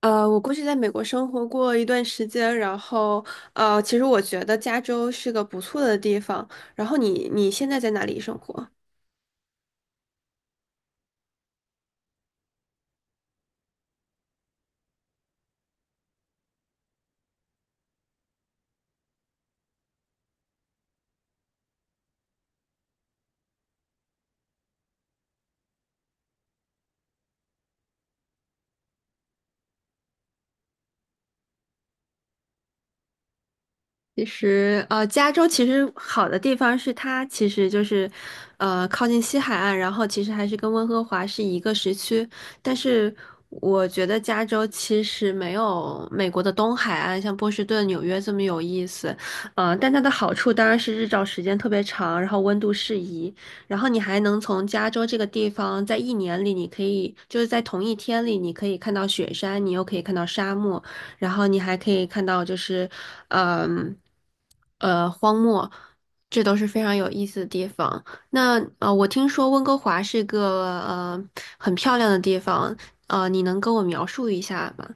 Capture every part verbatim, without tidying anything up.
呃，我过去在美国生活过一段时间，然后呃，其实我觉得加州是个不错的地方。然后你你现在在哪里生活？其实，呃，加州其实好的地方是它其实就是，呃，靠近西海岸，然后其实还是跟温哥华是一个时区。但是我觉得加州其实没有美国的东海岸，像波士顿、纽约这么有意思。呃，但它的好处当然是日照时间特别长，然后温度适宜，然后你还能从加州这个地方在一年里，你可以就是在同一天里，你可以看到雪山，你又可以看到沙漠。然后你还可以看到就是，嗯，呃，荒漠，这都是非常有意思的地方。那呃，我听说温哥华是个呃很漂亮的地方，呃，你能跟我描述一下吗？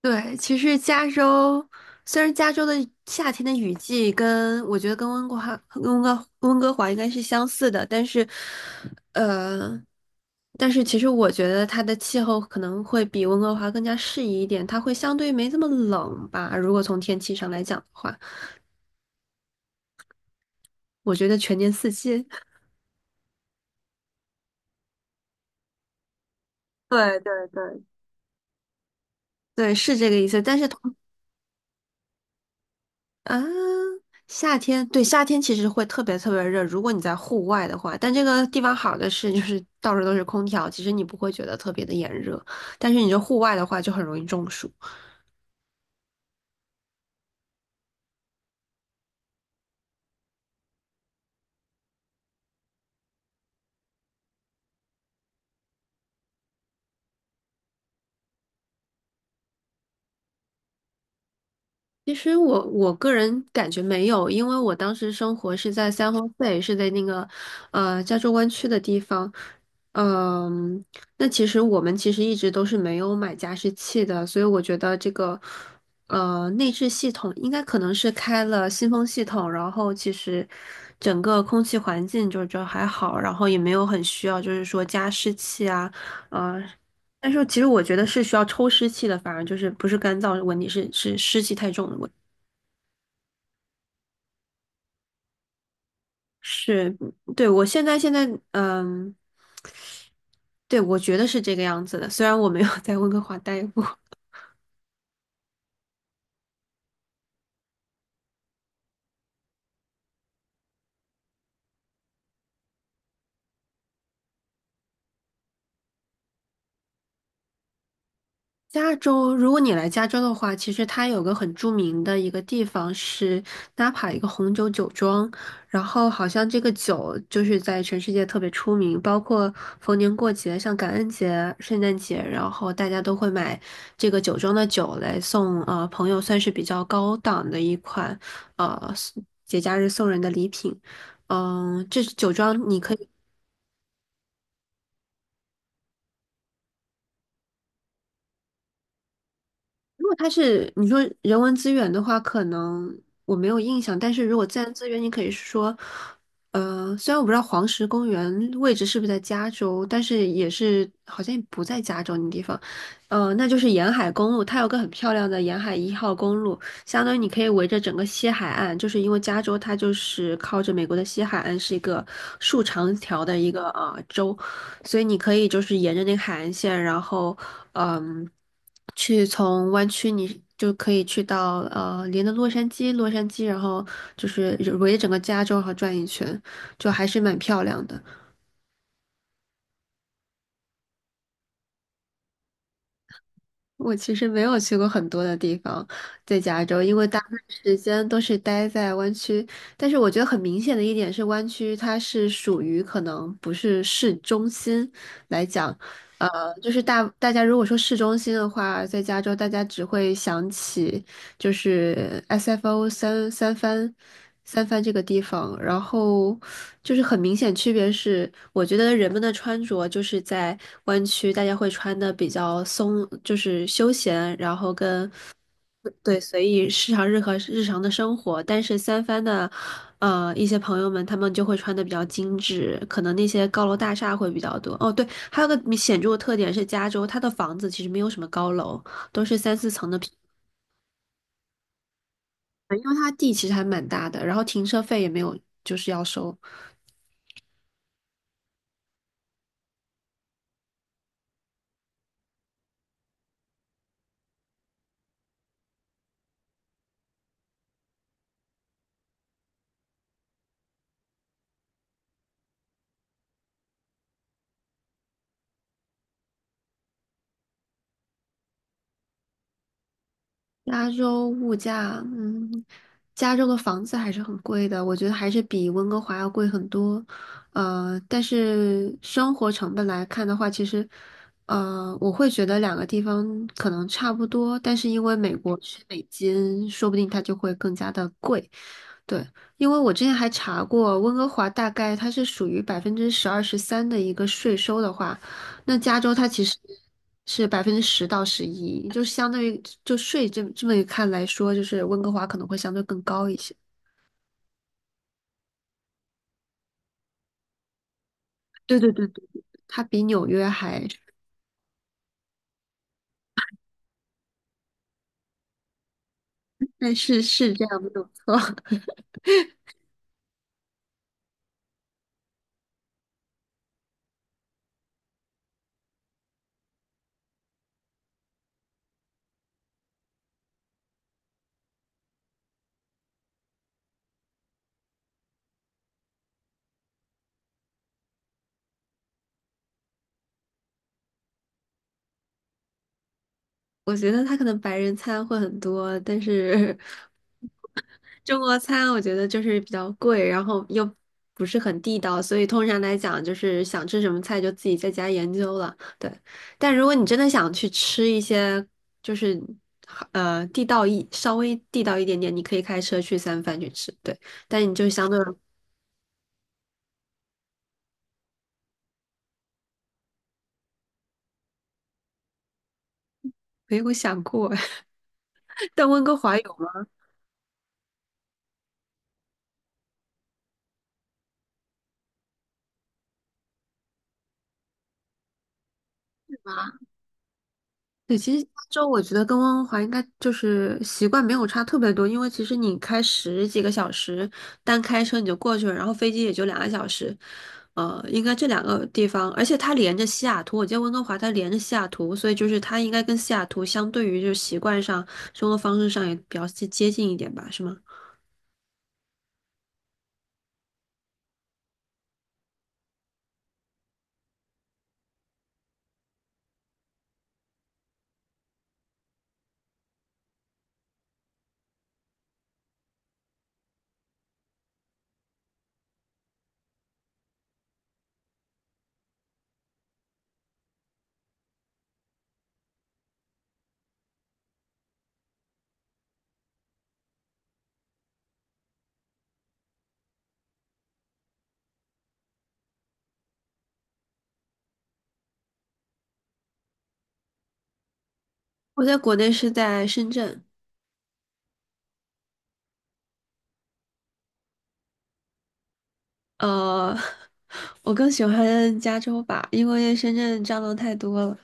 对，其实加州虽然加州的夏天的雨季跟我觉得跟温哥华、跟温哥温哥华应该是相似的，但是，呃，但是其实我觉得它的气候可能会比温哥华更加适宜一点，它会相对没这么冷吧。如果从天气上来讲的话，我觉得全年四季。对对对，对，是这个意思。但是同啊，夏天，对，夏天其实会特别特别热，如果你在户外的话，但这个地方好的是，就是到处都是空调，其实你不会觉得特别的炎热，但是你这户外的话就很容易中暑。其实我我个人感觉没有，因为我当时生活是在三藩市，是在那个呃加州湾区的地方。嗯，那其实我们其实一直都是没有买加湿器的，所以我觉得这个呃内置系统应该可能是开了新风系统，然后其实整个空气环境就就还好，然后也没有很需要就是说加湿器啊，呃。但是其实我觉得是需要抽湿器的，反而就是不是干燥问题，是是湿气太重的问题是，对，我现在现在，嗯，对，我觉得是这个样子的。虽然我没有 在温哥华待过，加州，如果你来加州的话，其实它有个很著名的一个地方是纳帕一个红酒酒庄，然后好像这个酒就是在全世界特别出名，包括逢年过节，像感恩节、圣诞节，然后大家都会买这个酒庄的酒来送呃朋友，算是比较高档的一款呃节假日送人的礼品。嗯，这酒庄你可以。如果它是你说人文资源的话，可能我没有印象。但是如果自然资源，你可以说，呃，虽然我不知道黄石公园位置是不是在加州，但是也是好像也不在加州那地方，呃，那就是沿海公路，它有个很漂亮的沿海一号公路，相当于你可以围着整个西海岸，就是因为加州它就是靠着美国的西海岸是一个竖长条的一个啊、呃州，所以你可以就是沿着那个海岸线，然后。嗯，去从湾区你就可以去到呃连着洛杉矶，洛杉矶，然后就是围着整个加州然后转一圈，就还是蛮漂亮的。我其实没有去过很多的地方，在加州，因为大部分时间都是待在湾区。但是我觉得很明显的一点是，湾区它是属于可能不是市中心来讲，呃，就是大大家如果说市中心的话，在加州大家只会想起。就是 S F O 三三番三番这个地方，然后就是很明显区别是，我觉得人们的穿着就是在湾区大家会穿的比较松，就是休闲，然后跟对随意日常日和日常的生活，但是三番的呃一些朋友们他们就会穿的比较精致，可能那些高楼大厦会比较多。哦，对，还有个显著的特点是加州它的房子其实没有什么高楼，都是三四层的。因为它地其实还蛮大的，然后停车费也没有，就是要收。加州物价，嗯，加州的房子还是很贵的，我觉得还是比温哥华要贵很多。呃，但是生活成本来看的话，其实，呃，我会觉得两个地方可能差不多，但是因为美国是美金，说不定它就会更加的贵。对，因为我之前还查过，温哥华大概它是属于百分之十二十三的一个税收的话，那加州它其实是百分之十到十一，就相当于就税这这么一看来说，就是温哥华可能会相对更高一些。对对对对，对它比纽约还，但是是这样没有错。我觉得他可能白人餐会很多，但是 中国餐我觉得就是比较贵，然后又不是很地道，所以通常来讲就是想吃什么菜就自己在家研究了。对，但如果你真的想去吃一些就是呃地道一稍微地道一点点，你可以开车去三藩去吃。对，但你就相对没有想过，但温哥华有吗？对，其实加州我觉得跟温哥华应该就是习惯没有差特别多，因为其实你开十几个小时，单开车你就过去了，然后飞机也就两个小时，呃，应该这两个地方，而且它连着西雅图，我记得温哥华它连着西雅图，所以就是它应该跟西雅图相对于就是习惯上、生活方式上也比较接接近一点吧，是吗？我在国内是在深圳，呃，我更喜欢加州吧，因为深圳蟑螂太多了。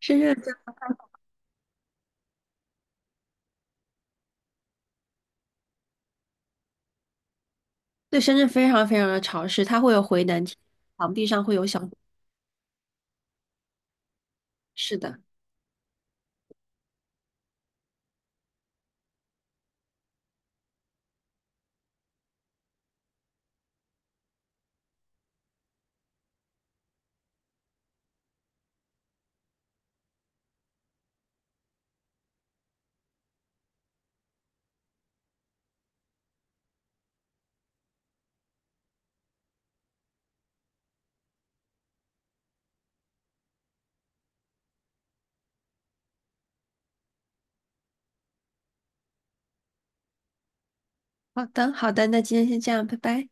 深圳对，深圳非常非常的潮湿，它会有回南天，墙壁上会有小是的。好的，好的，那今天先这样，拜拜。